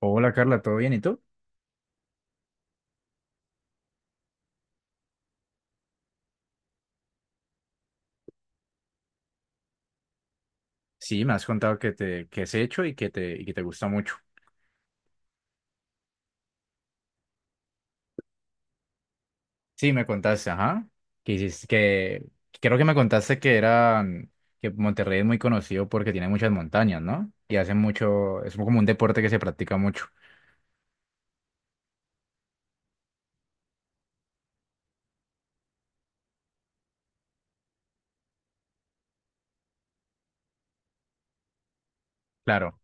Hola Carla, ¿todo bien? ¿Y tú? Sí, me has contado que te que has hecho y que te gusta mucho. Sí, me contaste, ajá. Que hiciste que creo que me contaste que Monterrey es muy conocido porque tiene muchas montañas, ¿no? Y hacen mucho, es como un deporte que se practica mucho. Claro.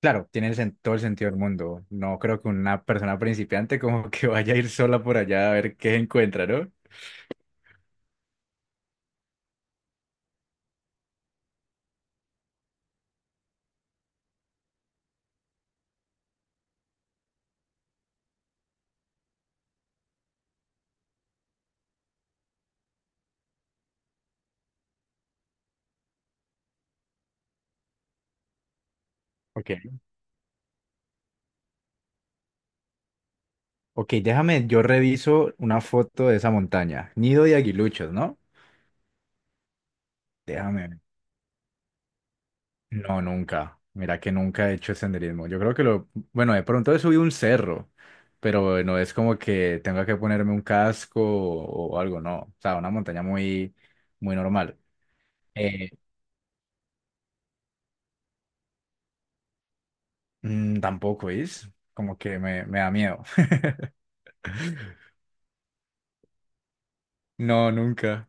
Claro, tiene todo el sentido del mundo. No creo que una persona principiante como que vaya a ir sola por allá a ver qué encuentra, ¿no? Ok. Ok, déjame, yo reviso una foto de esa montaña. Nido de Aguiluchos, ¿no? Déjame No, nunca. Mira que nunca he hecho senderismo. Yo creo que lo, bueno, de pronto he subido un cerro, pero no es como que tenga que ponerme un casco o algo, no. O sea, una montaña muy normal. Eh, Tampoco es, como que me da miedo. No, nunca,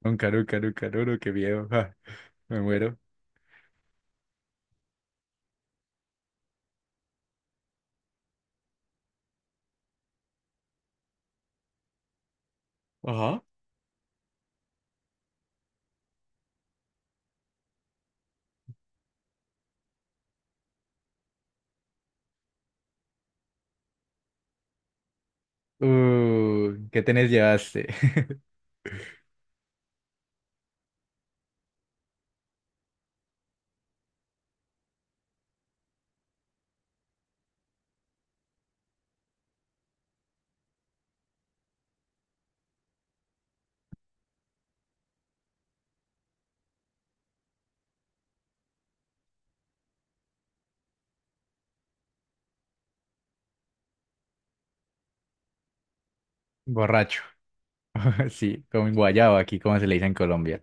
nunca, nunca, nunca, no, no, qué miedo. Ja, me muero. Ajá. ¿Qué tenés llevaste? Borracho. Sí, como en guayabo aquí, como se le dice en Colombia.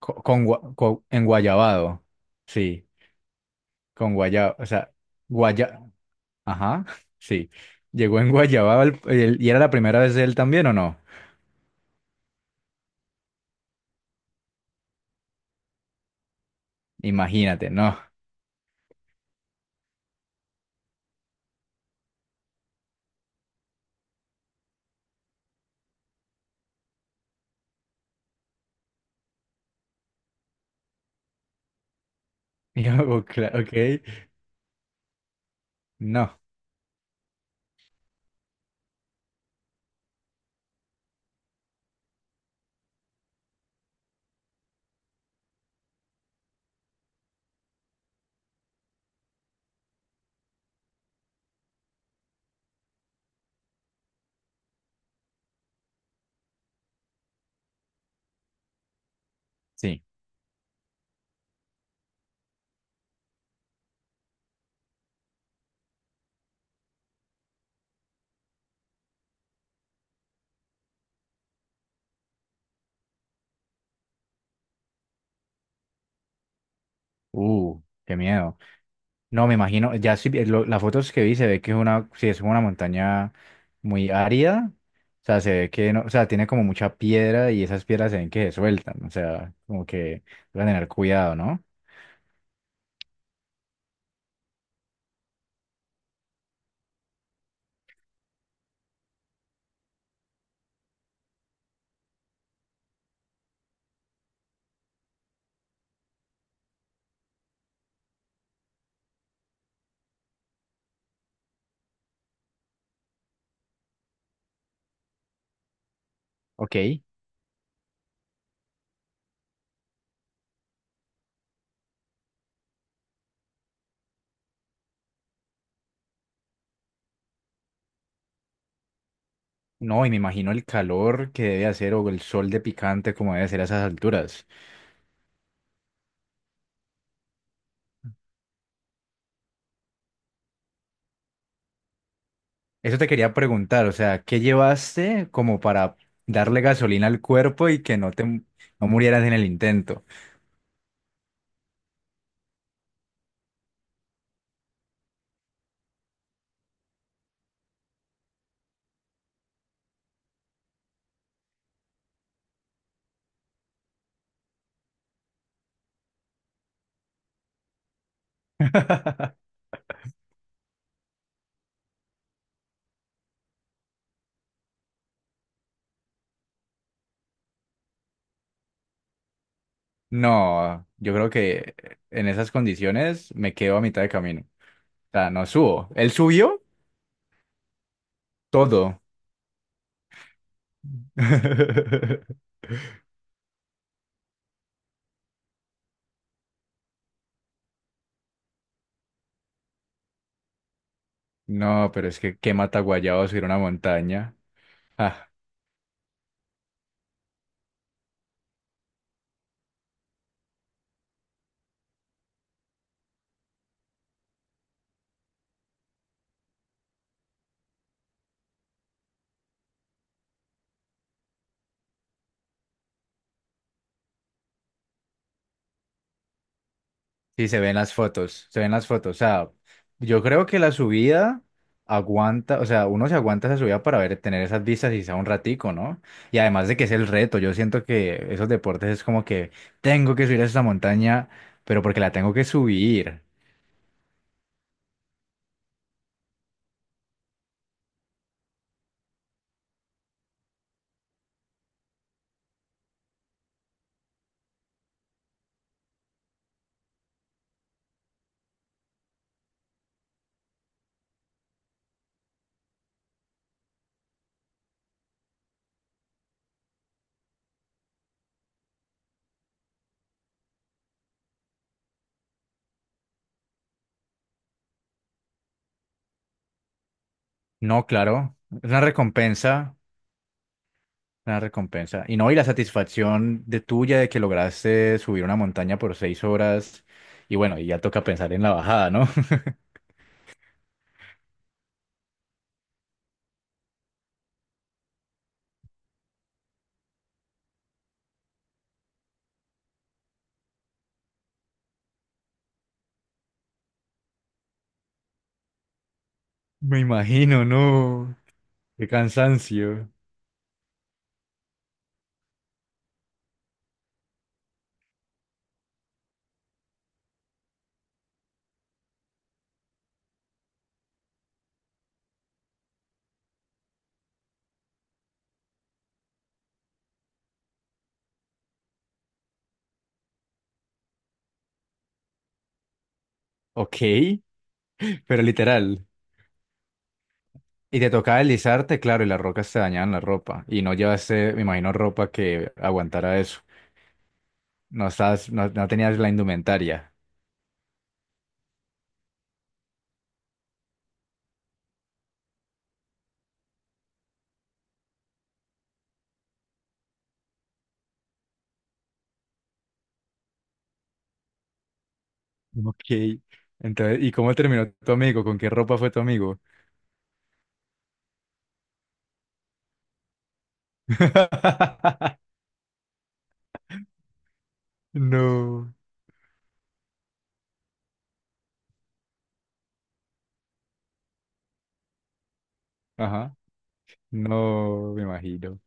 En guayabado, sí, con guayaba, o sea, guaya, ajá, sí, llegó en guayabado y era la primera vez de él también o no, imagínate, no, Y yo, "Cla- ok, no, sí, qué miedo, no, me imagino, ya sí, las fotos que vi se ve que es una, sí, es una montaña muy árida, o sea, se ve que no, o sea, tiene como mucha piedra y esas piedras se ven que se sueltan, o sea, como que van a tener cuidado, ¿no? Ok. No, y me imagino el calor que debe hacer o el sol de picante como debe ser a esas alturas. Eso te quería preguntar, o sea, ¿qué llevaste como para darle gasolina al cuerpo y que no murieras en el intento? No, yo creo que en esas condiciones me quedo a mitad de camino. O sea, no subo. Él subió todo. No, pero es que qué mata guayabo subir una montaña. Sí, se ven las fotos, se ven las fotos. O sea, yo creo que la subida aguanta, o sea, uno se aguanta esa subida para ver, tener esas vistas y sea un ratico, ¿no? Y además de que es el reto, yo siento que esos deportes es como que tengo que subir a esa montaña, pero porque la tengo que subir. No, claro, es una recompensa, una recompensa. Y no, y la satisfacción de tuya de que lograste subir una montaña por 6 horas. Y bueno, y ya toca pensar en la bajada, ¿no? Me imagino, ¿no? Qué cansancio. Ok, pero literal. Y te tocaba deslizarte, claro, y las rocas te dañaban la ropa. Y no llevaste, me imagino, ropa que aguantara eso. No estabas, no, no tenías la indumentaria. Ok. Entonces, ¿y cómo terminó tu amigo? ¿Con qué ropa fue tu amigo? No. Ajá. No, me imagino.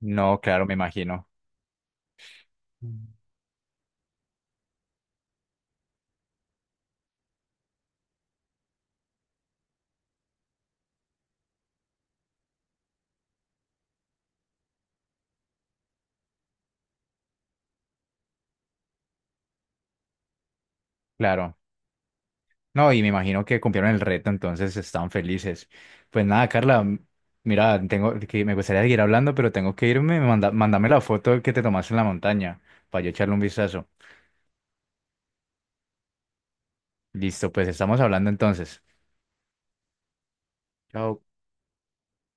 No, claro, me imagino. Claro. No, y me imagino que cumplieron el reto, entonces están felices. Pues nada, Carla, mira, tengo que me gustaría seguir hablando, pero tengo que irme. Mándame la foto que te tomaste en la montaña para yo echarle un vistazo. Listo, pues estamos hablando entonces. Chao.